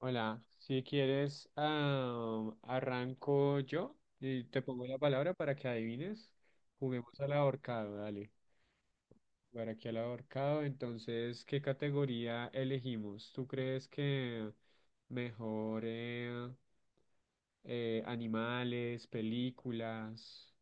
Hola, si quieres, arranco yo y te pongo la palabra para que adivines. Juguemos al ahorcado, dale. Para aquí al ahorcado, entonces, ¿qué categoría elegimos? ¿Tú crees que mejor animales, películas?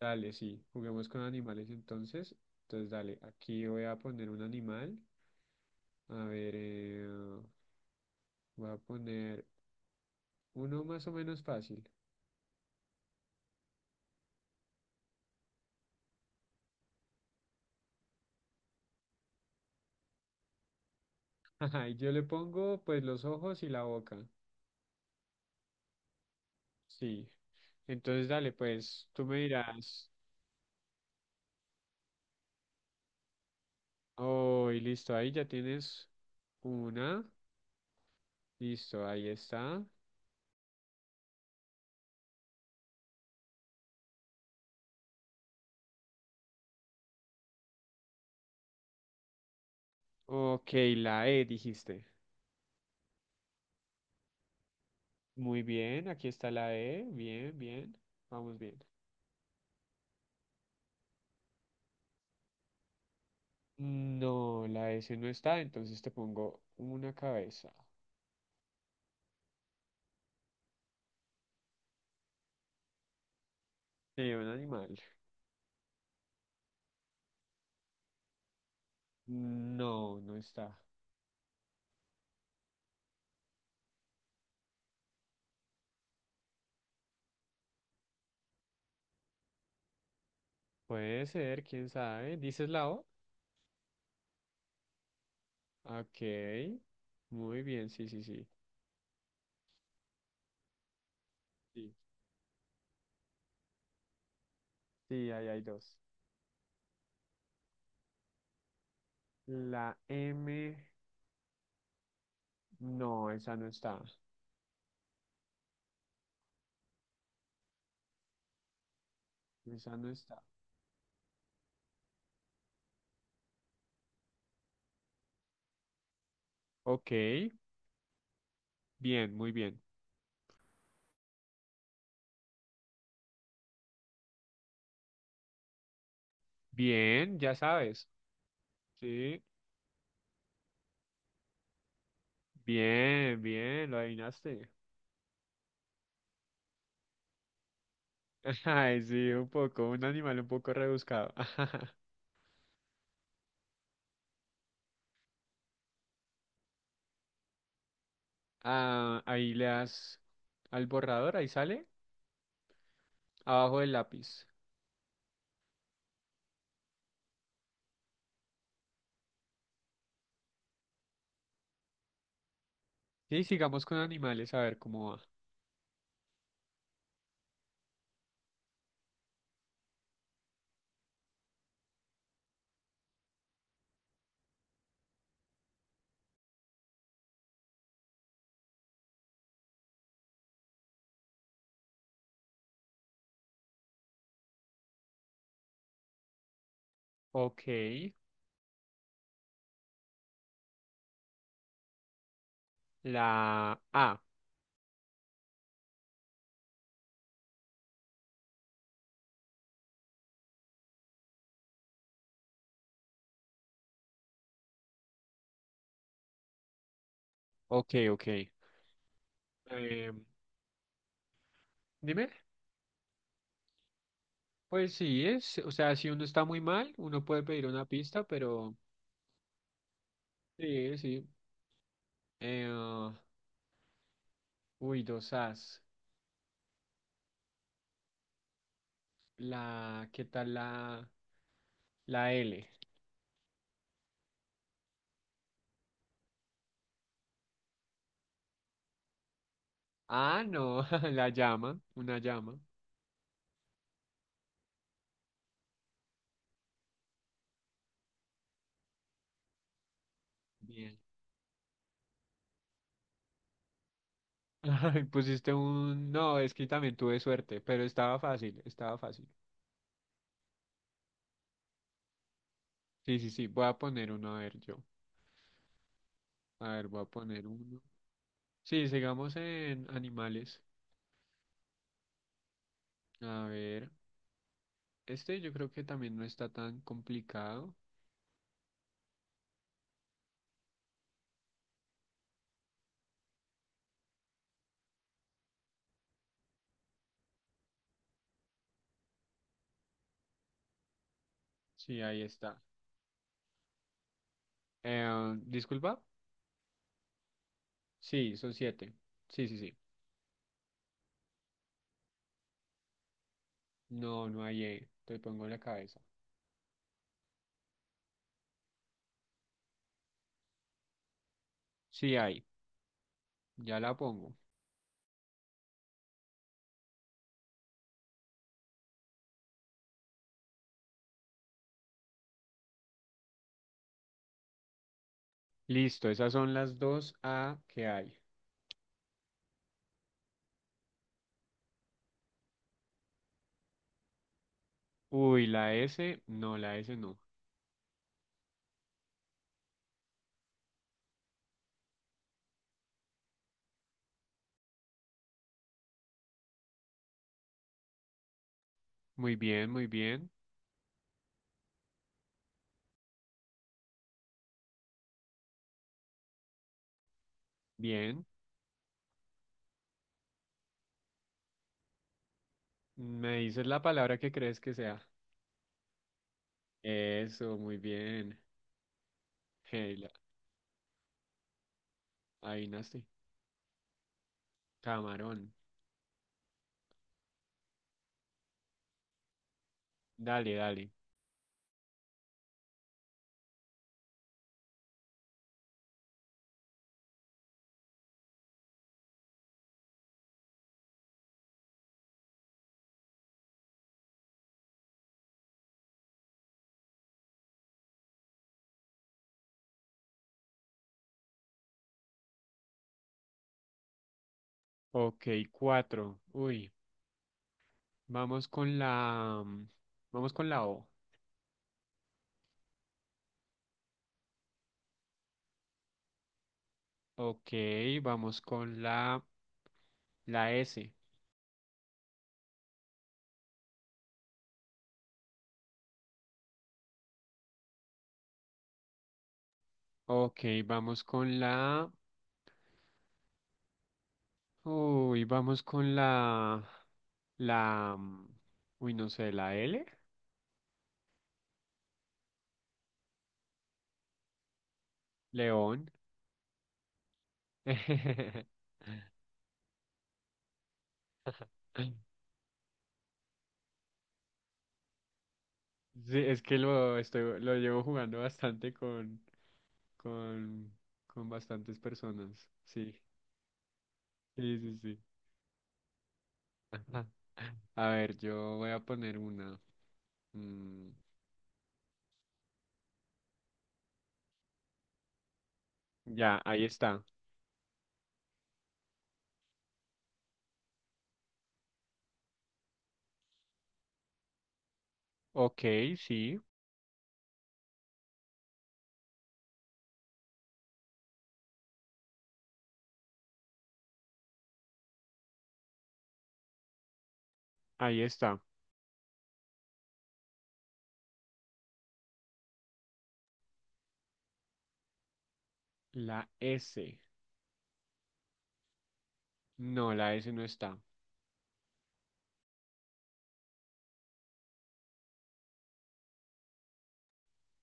Dale, sí, juguemos con animales entonces. Entonces, dale, aquí voy a poner un animal. A ver, voy a poner uno más o menos fácil. Ajá, y yo le pongo pues los ojos y la boca. Sí. Entonces dale, pues tú me dirás, oh, y listo, ahí ya tienes una. Listo, ahí está. Ok, la E dijiste. Muy bien, aquí está la E. Bien, bien. Vamos bien. No, la S no está, entonces te pongo una cabeza. Sí, un animal. No, no está. Puede ser, quién sabe. ¿Dices la O? Ok. Muy bien, sí, sí, sí. Sí. Sí, ahí hay dos. La M, no, esa no está. Esa no está. Ok, bien, muy bien. Bien, ya sabes. Sí, bien, bien, lo adivinaste. Ay, sí, un poco, un animal un poco rebuscado. Ah, ahí le das al borrador, ahí sale, abajo del lápiz. Sí, sigamos con animales, a ver cómo va. Ok, la A. Ok, ok. Em, dime. Pues sí, es, o sea, si uno está muy mal, uno puede pedir una pista, pero sí, sí. Eh, ah, uy, dos As. ¿Qué tal la L? Ah, no, la llama, una llama. Bien. Ay, pusiste un, no, es que también tuve suerte, pero estaba fácil, estaba fácil. Sí, sí, sí, voy a poner uno, a ver yo. A ver, voy a poner uno. Sí, sigamos en animales. A ver, este yo creo que también no está tan complicado. Sí, ahí está. Disculpa. Sí, son siete. Sí, sí, sí. No, no hay E. Te pongo en la cabeza. Sí hay. Ya la pongo. Listo, esas son las dos A que hay. Uy, la S. No, la S no. Muy bien, muy bien. Bien. Me dices la palabra que crees que sea. Eso, muy bien. Hey, la, adivinaste. Camarón. Dale, dale. Ok, cuatro. Uy, vamos con la... mm, Vamos con la O. Ok, vamos con la S. Ok, vamos con la... Uy, vamos con la... Uy, no sé, la L. León. Sí, es que lo, estoy, lo llevo jugando bastante con con bastantes personas. Sí, sí, sí, sí. Ajá. A ver, yo voy a poner una. Mm, ya, ahí está. Ok, sí, ahí está. La S. No, la S no está.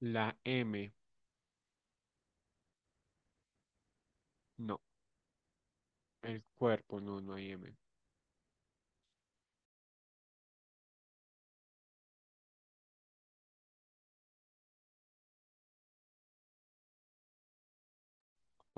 La M. No, el cuerpo, no, no hay M.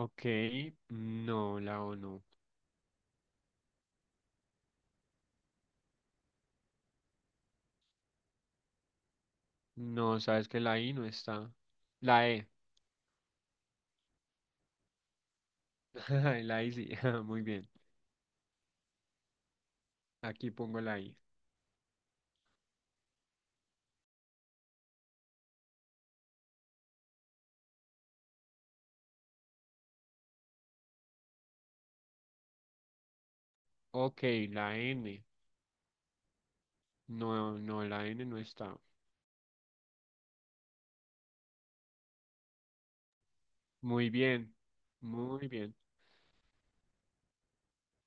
Ok, no, la O no. No, sabes que la I no está. La E. La I sí, muy bien. Aquí pongo la I. Ok, la N. No, no, la N no está. Muy bien, muy bien.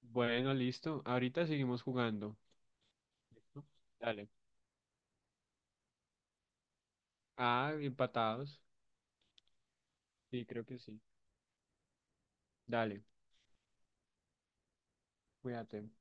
Bueno, listo. Ahorita seguimos jugando. ¿Listo? Dale. Ah, empatados. Sí, creo que sí. Dale, cuídate.